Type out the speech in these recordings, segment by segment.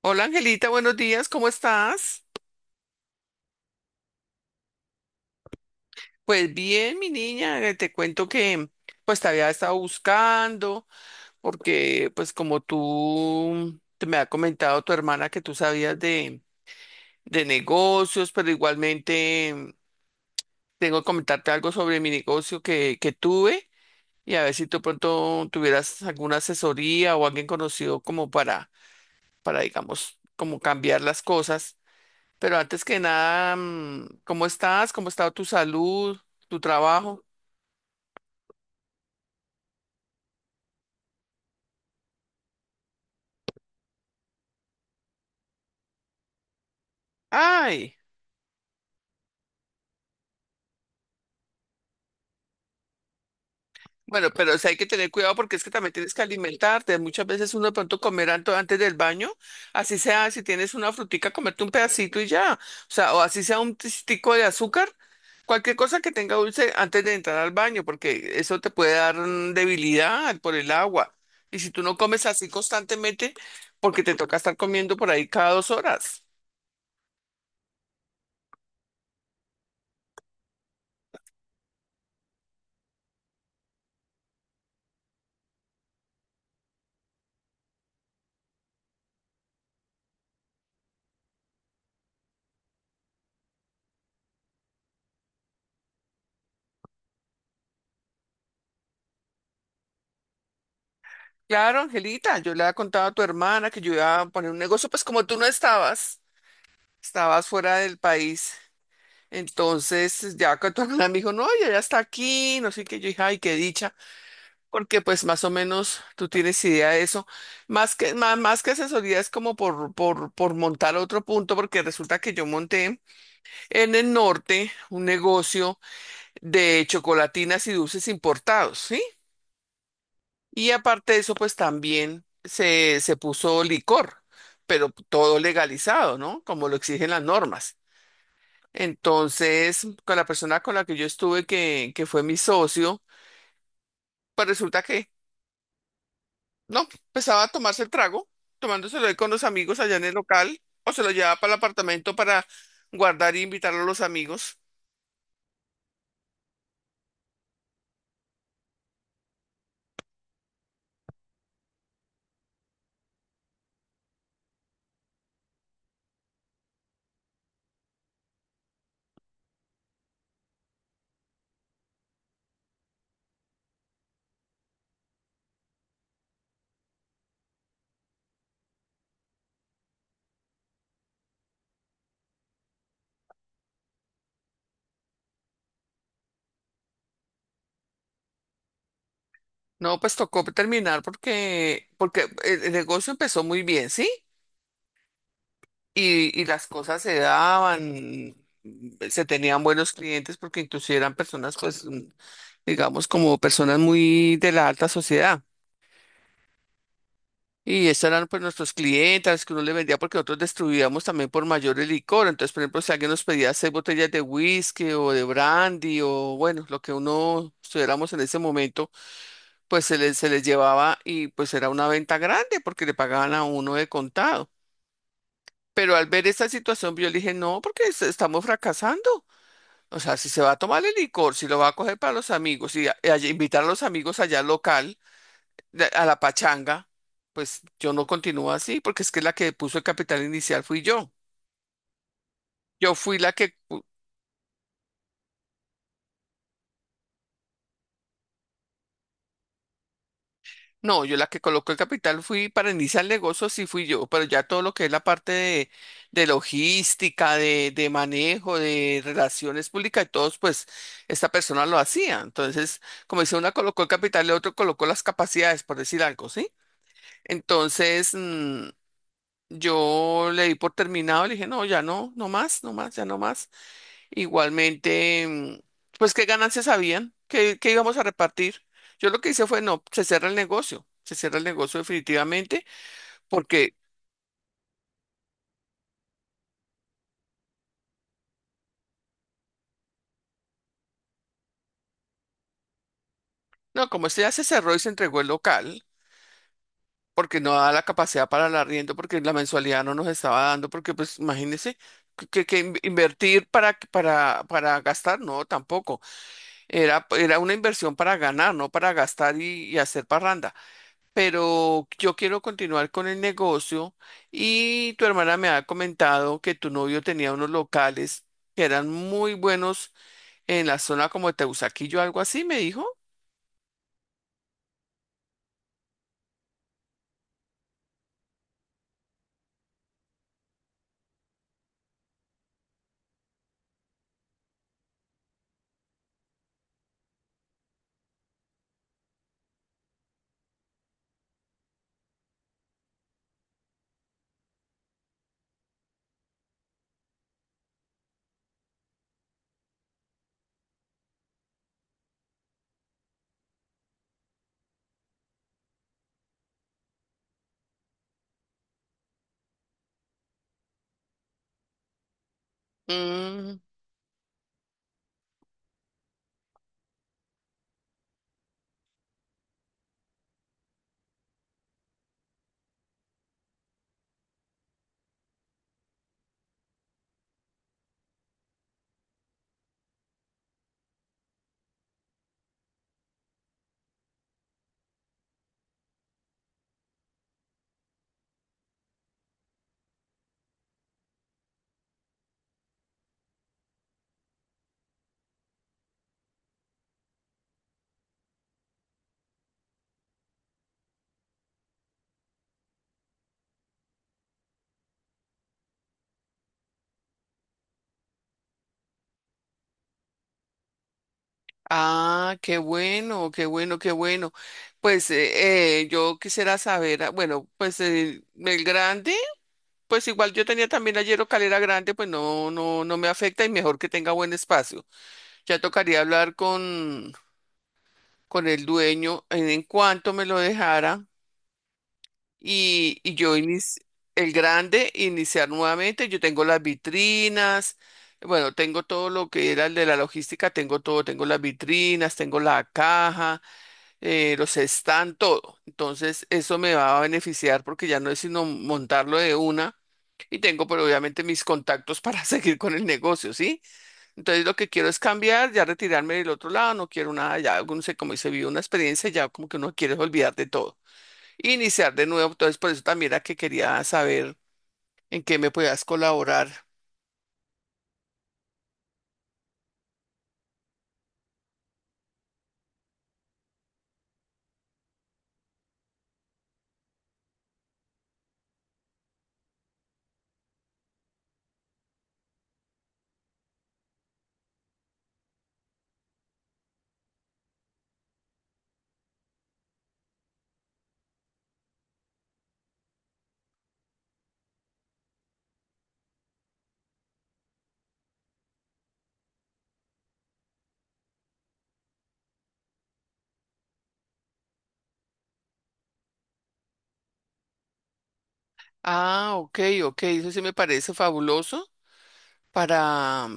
Hola Angelita, buenos días, ¿cómo estás? Pues bien, mi niña, te cuento que pues te había estado buscando porque pues como tú te me ha comentado tu hermana que tú sabías de negocios, pero igualmente tengo que comentarte algo sobre mi negocio que tuve y a ver si tú pronto tuvieras alguna asesoría o alguien conocido como para digamos, como cambiar las cosas. Pero antes que nada, ¿cómo estás? ¿Cómo ha estado tu salud, tu trabajo? Ay, bueno, pero o sea, hay que tener cuidado porque es que también tienes que alimentarte. Muchas veces uno de pronto comer antes del baño, así sea, si tienes una frutica, comerte un pedacito y ya. O sea, o así sea un tistico de azúcar, cualquier cosa que tenga dulce antes de entrar al baño, porque eso te puede dar debilidad por el agua. Y si tú no comes así constantemente, porque te toca estar comiendo por ahí cada dos horas. Claro, Angelita, yo le había contado a tu hermana que yo iba a poner un negocio, pues como tú no estabas, estabas fuera del país. Entonces, ya que tu hermana me dijo, no, ella ya está aquí, no sé qué, yo dije, ay, qué dicha, porque pues más o menos tú tienes idea de eso. Más más que asesoría es como por montar otro punto, porque resulta que yo monté en el norte un negocio de chocolatinas y dulces importados, ¿sí? Y aparte de eso, pues también se puso licor, pero todo legalizado, ¿no? Como lo exigen las normas. Entonces, con la persona con la que yo estuve, que fue mi socio, pues resulta que, no, empezaba a tomarse el trago, tomándoselo ahí con los amigos allá en el local, o se lo llevaba para el apartamento para guardar y invitarlo a los amigos. No, pues tocó terminar porque, porque el negocio empezó muy bien, ¿sí? Y las cosas se daban, se tenían buenos clientes porque inclusive eran personas, pues, digamos, como personas muy de la alta sociedad. Y esos eran pues nuestros clientes que uno le vendía porque nosotros distribuíamos también por mayor el licor. Entonces, por ejemplo, si alguien nos pedía seis botellas de whisky o de brandy o bueno, lo que uno estuviéramos en ese momento, pues se les llevaba y pues era una venta grande porque le pagaban a uno de contado. Pero al ver esta situación, yo le dije, no, porque estamos fracasando. O sea, si se va a tomar el licor, si lo va a coger para los amigos y invitar a los amigos allá al local, a la pachanga, pues yo no continúo así, porque es que la que puso el capital inicial fui yo. Yo fui la que, no, yo la que colocó el capital fui para iniciar el negocio, sí fui yo, pero ya todo lo que es la parte de logística, de manejo, de relaciones públicas y todos, pues esta persona lo hacía. Entonces, como dice, una colocó el capital y otro colocó las capacidades, por decir algo, ¿sí? Entonces, yo le di por terminado, le dije, no, ya no, no más, no más, ya no más. Igualmente, pues qué ganancias habían, qué íbamos a repartir. Yo lo que hice fue, no, se cierra el negocio, se cierra el negocio definitivamente, porque, no, como este ya se cerró y se entregó el local, porque no da la capacidad para el arriendo, porque la mensualidad no nos estaba dando, porque pues imagínense. Que invertir para gastar, no, tampoco. Era una inversión para ganar, no para gastar y hacer parranda. Pero yo quiero continuar con el negocio y tu hermana me ha comentado que tu novio tenía unos locales que eran muy buenos en la zona como de Teusaquillo, algo así, me dijo. Mm, ah, qué bueno, qué bueno, qué bueno. Pues yo quisiera saber, ah, bueno, pues el grande, pues igual yo tenía también ayer calera grande, pues no me afecta y mejor que tenga buen espacio. Ya tocaría hablar con el dueño en cuanto me lo dejara y yo el grande iniciar nuevamente. Yo tengo las vitrinas, bueno, tengo todo lo que era el de la logística, tengo todo, tengo las vitrinas, tengo la caja, los stands, todo. Entonces, eso me va a beneficiar porque ya no es sino montarlo de una. Y tengo, pero obviamente mis contactos para seguir con el negocio, ¿sí? Entonces lo que quiero es cambiar, ya retirarme del otro lado, no quiero nada, ya uno se, como se vive una experiencia, ya como que uno quiere olvidar de todo, iniciar de nuevo, entonces por eso también era que quería saber en qué me podías colaborar. Ah, ok, ok, eso sí me parece fabuloso para,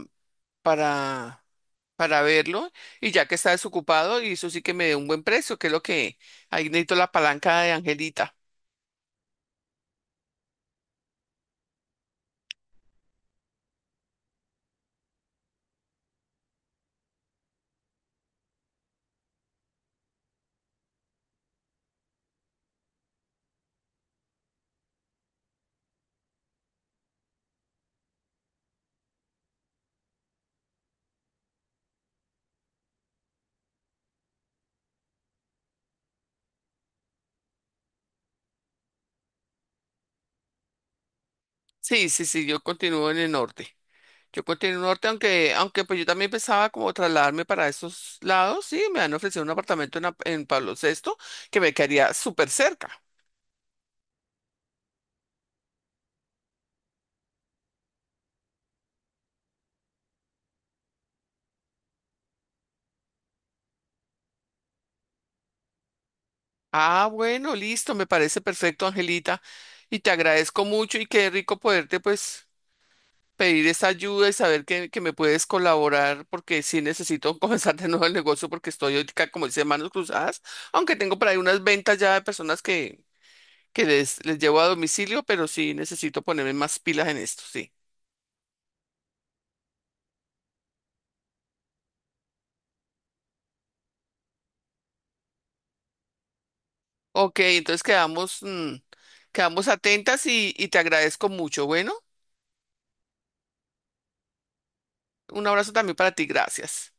para, para verlo, y ya que está desocupado, y eso sí que me dé un buen precio, que es lo que, ahí necesito la palanca de Angelita. Sí, sí, sí, yo continúo en el norte. Yo continúo en el norte, aunque pues yo también pensaba como trasladarme para esos lados. Sí, me han ofrecido un apartamento en Pablo VI que me quedaría súper cerca. Ah, bueno, listo, me parece perfecto, Angelita. Y te agradezco mucho y qué rico poderte pues pedir esa ayuda y saber que me puedes colaborar porque sí necesito comenzar de nuevo el negocio porque estoy ahorita, como dice, manos cruzadas, aunque tengo por ahí unas ventas ya de personas que les llevo a domicilio, pero sí necesito ponerme más pilas en esto, sí. Ok, entonces quedamos, quedamos atentas y te agradezco mucho. Bueno, un abrazo también para ti, gracias.